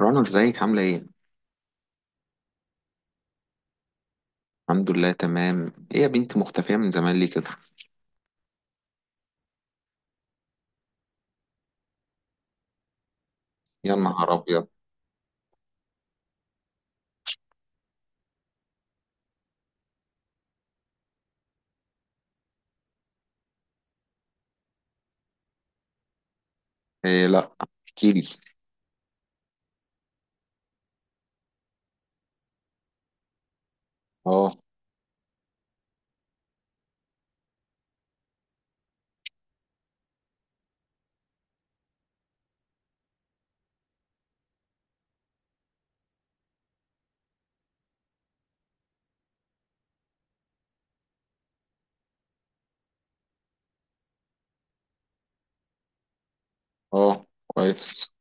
رنا، ازيك؟ عاملة ايه؟ الحمد لله تمام. ايه يا بنتي، مختفية من زمان ليه كده؟ يا نهار ابيض! ايه لا، احكيلي. اه اه، كويس.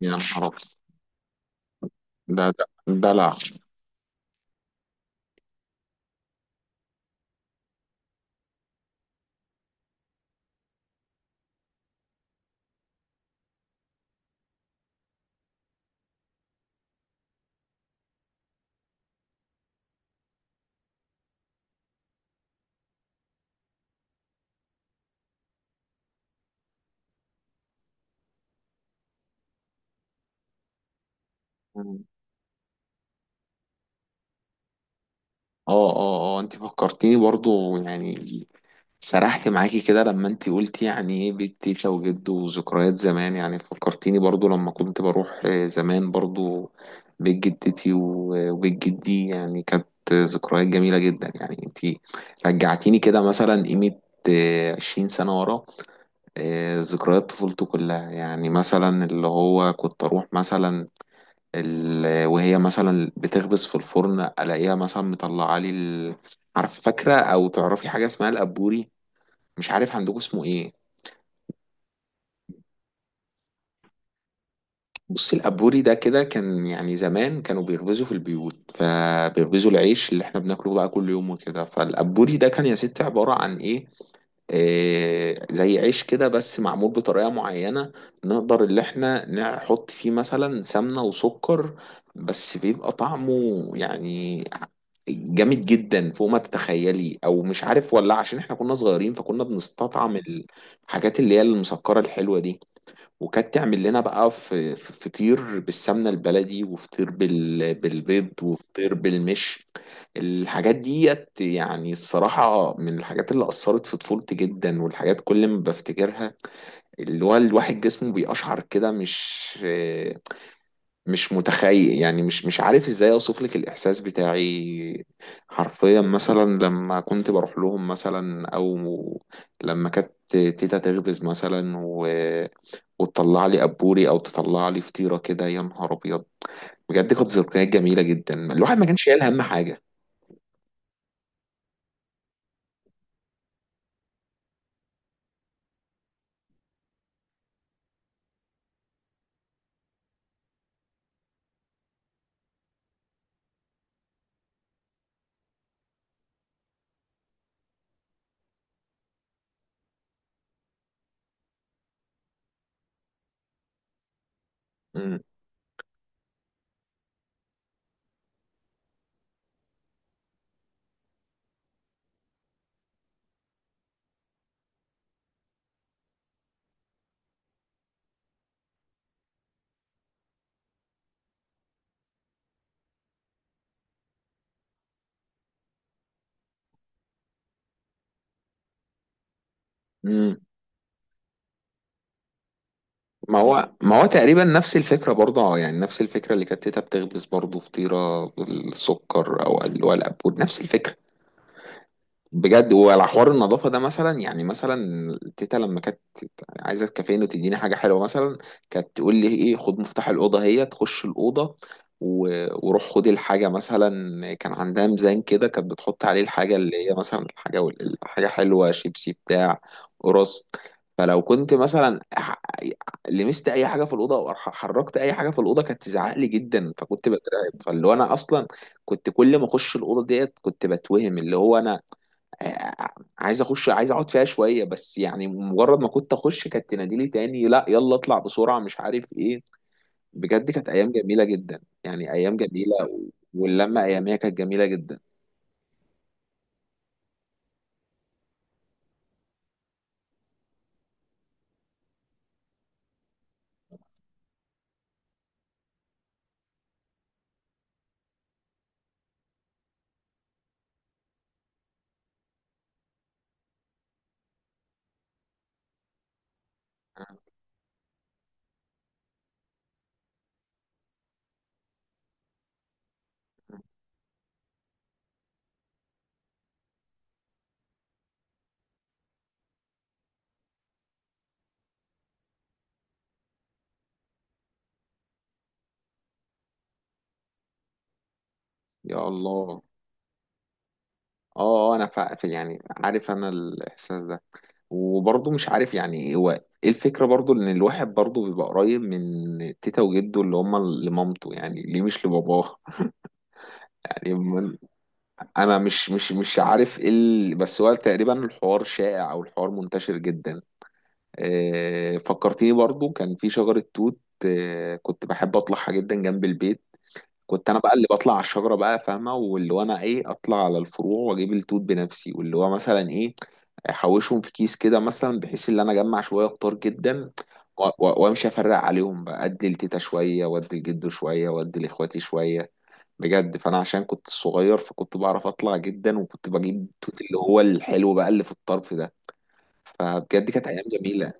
يا نهار ابيض، ده دلع. اه اه اه، انت فكرتيني برضو، يعني سرحت معاكي كده لما انت قلتي يعني ايه بيت تيتا وجد وذكريات زمان. يعني فكرتيني برضو لما كنت بروح زمان برضو بيت جدتي وبيت جدي. يعني كانت ذكريات جميلة جدا. يعني انت رجعتيني كده مثلا قيمة 20 سنة ورا، ذكريات طفولته كلها. يعني مثلا اللي هو كنت أروح مثلا وهي مثلا بتخبز في الفرن الاقيها مثلا مطلعه لي عارف، فاكره او تعرفي حاجه اسمها الابوري؟ مش عارف عندكم اسمه ايه. بصي، الابوري ده كده كان، يعني زمان كانوا بيخبزوا في البيوت، فبيخبزوا العيش اللي احنا بناكله بقى كل يوم وكده، فالابوري ده كان يا ستي عباره عن ايه، زي عيش كده بس معمول بطريقة معينة. نقدر اللي احنا نحط فيه مثلا سمنة وسكر، بس بيبقى طعمه يعني جامد جدا فوق ما تتخيلي، او مش عارف ولا عشان احنا كنا صغيرين فكنا بنستطعم الحاجات اللي هي المسكرة الحلوة دي. وكانت تعمل لنا بقى في فطير بالسمنة البلدي، وفطير بالبيض، وفطير بالمش. الحاجات ديت يعني الصراحة من الحاجات اللي أثرت في طفولتي جدا، والحاجات كل ما بفتكرها اللي هو الواحد جسمه بيقشعر كده، مش متخيل يعني، مش عارف ازاي اوصف لك الاحساس بتاعي. حرفيا مثلا لما كنت بروح لهم مثلا، او لما كانت تيتا تخبز مثلا وتطلع لي ابوري، او تطلع لي فطيره كده، يا نهار ابيض. بجد كانت ذكريات جميله جدا، الواحد ما كانش شايل هم حاجه. مم. مم. ما هو، ما هو تقريبا نفس الفكره برضه، يعني نفس الفكره اللي كانت تيتا بتخبز برضه فطيره بالسكر، او اللي هو الابور نفس الفكره. بجد. وعلى حوار النظافة ده مثلا، يعني مثلا تيتا لما كانت عايزة تكافئني وتديني حاجة حلوة مثلا، كانت تقول لي ايه، خد مفتاح الأوضة هي تخش الأوضة وروح خد الحاجة مثلا. كان عندها ميزان كده، كانت بتحط عليه الحاجة اللي هي مثلا الحاجة الحاجة حلوة، شيبسي بتاع قرص. فلو كنت مثلا لمست اي حاجه في الاوضه، او حركت اي حاجه في الاوضه، كانت تزعق لي جدا، فكنت بترعب. فاللي هو انا اصلا كنت كل ما اخش الاوضه ديت كنت بتوهم اللي هو انا آه، عايز اخش، عايز اقعد فيها شويه بس. يعني مجرد ما كنت اخش كانت تناديلي تاني، لا يلا اطلع بسرعه مش عارف ايه. بجد كانت ايام جميله جدا، يعني ايام جميله، واللمه اياميها كانت جميله جدا. يا الله. اه، انا في يعني، عارف انا الاحساس ده، وبرضه مش عارف يعني هو ايه. الفكره برضه ان الواحد برضه بيبقى قريب من تيتا وجده اللي هما لمامته، يعني ليه مش لباباه يعني. انا مش عارف ايه بس هو تقريبا الحوار شائع، او الحوار منتشر جدا. فكرتيني برضو كان في شجرة توت. كنت بحب اطلعها جدا جنب البيت. كنت انا بقى اللي بطلع على الشجره بقى فاهمه، واللي هو انا ايه، اطلع على الفروع واجيب التوت بنفسي، واللي هو مثلا ايه احوشهم في كيس كده مثلا، بحيث ان انا اجمع شويه كتار جدا وامشي افرق عليهم بقى، ادي لتيتا شويه وادي لجده شويه وادي لاخواتي شويه. بجد. فانا عشان كنت صغير، فكنت بعرف اطلع جدا، وكنت بجيب التوت اللي هو الحلو بقى اللي في الطرف ده. فبجد كانت ايام جميله.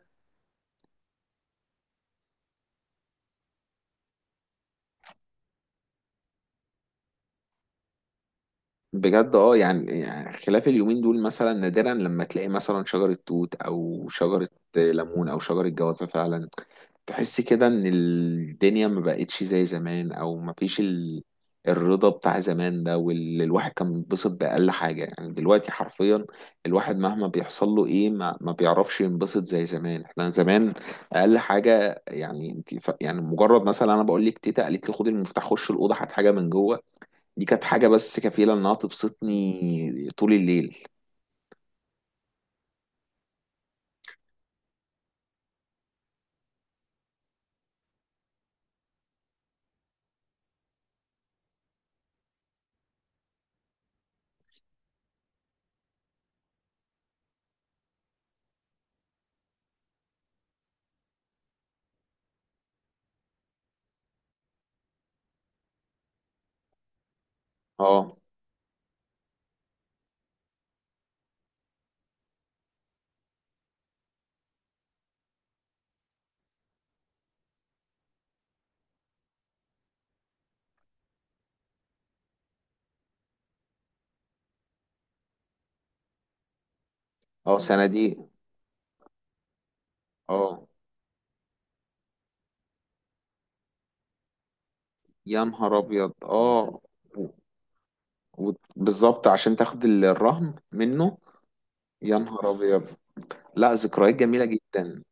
بجد اه. يعني يعني خلاف اليومين دول مثلا نادرا لما تلاقي مثلا شجره توت، او شجره ليمون، او شجره جوافه. فعلا تحس كده ان الدنيا ما بقتش زي زمان، او ما فيش الرضا بتاع زمان ده، واللي الواحد كان بينبسط بأقل حاجة. يعني دلوقتي حرفيا الواحد مهما بيحصل له ايه ما بيعرفش ينبسط زي زمان. احنا زمان أقل حاجة، يعني انت يعني مجرد مثلا انا بقول لك تيتا قالت لي خد المفتاح خش الأوضة هات حاجة من جوه، دي كانت حاجة بس كفيلة انها تبسطني طول الليل. اه. اه، صناديق. اه، يا نهار ابيض. اه، بالظبط عشان تاخد الرهن منه. يا نهار ابيض. لا، ذكريات جميله جدا.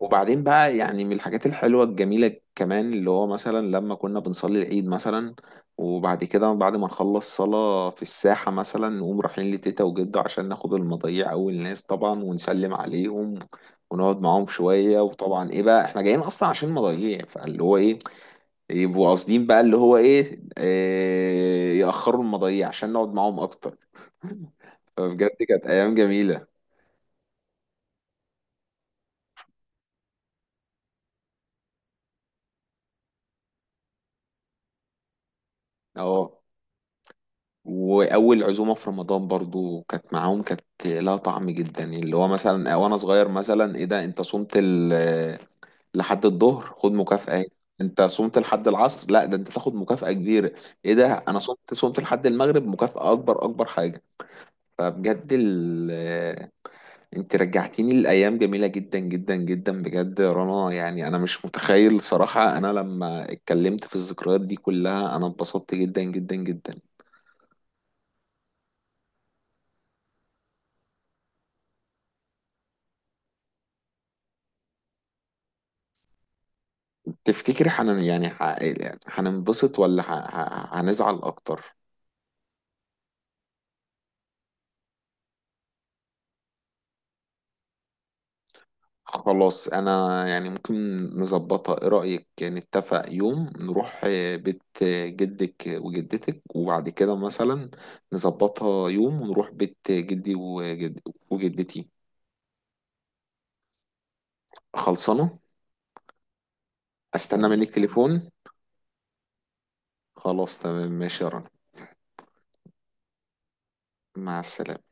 وبعدين بقى، يعني من الحاجات الحلوه الجميله كمان، اللي هو مثلا لما كنا بنصلي العيد مثلا، وبعد كده بعد ما نخلص صلاه في الساحه مثلا، نقوم رايحين لتيتا وجده عشان ناخد المضيع اول ناس طبعا، ونسلم عليهم ونقعد معاهم شويه. وطبعا ايه بقى، احنا جايين اصلا عشان مضيع، فاللي هو ايه، يبقوا قاصدين بقى اللي هو ايه، يأخروا المضايع عشان نقعد معاهم اكتر. فبجد كانت ايام جميلة. اه، واول عزومة في رمضان برضو كانت معاهم، كانت لها طعم جدا. اللي هو مثلا وانا صغير، مثلا ايه ده انت صمت لحد الظهر، خد مكافأة اهي. انت صمت لحد العصر، لا ده انت تاخد مكافأة كبيرة. ايه ده انا صمت، صمت لحد المغرب، مكافأة اكبر، اكبر حاجة. فبجد انت رجعتيني لأيام جميلة جدا جدا جدا. بجد يا رنا، يعني انا مش متخيل صراحة. انا لما اتكلمت في الذكريات دي كلها انا اتبسطت جدا جدا جدا. تفتكر حن يعني، هننبسط ولا هنزعل اكتر؟ خلاص انا يعني ممكن نظبطها. ايه رأيك نتفق يوم نروح بيت جدك وجدتك، وبعد كده مثلا نظبطها يوم ونروح بيت جدي وجدتي. خلصانة. استنى منك تليفون. خلاص تمام ماشي يا رنا. مع السلامة.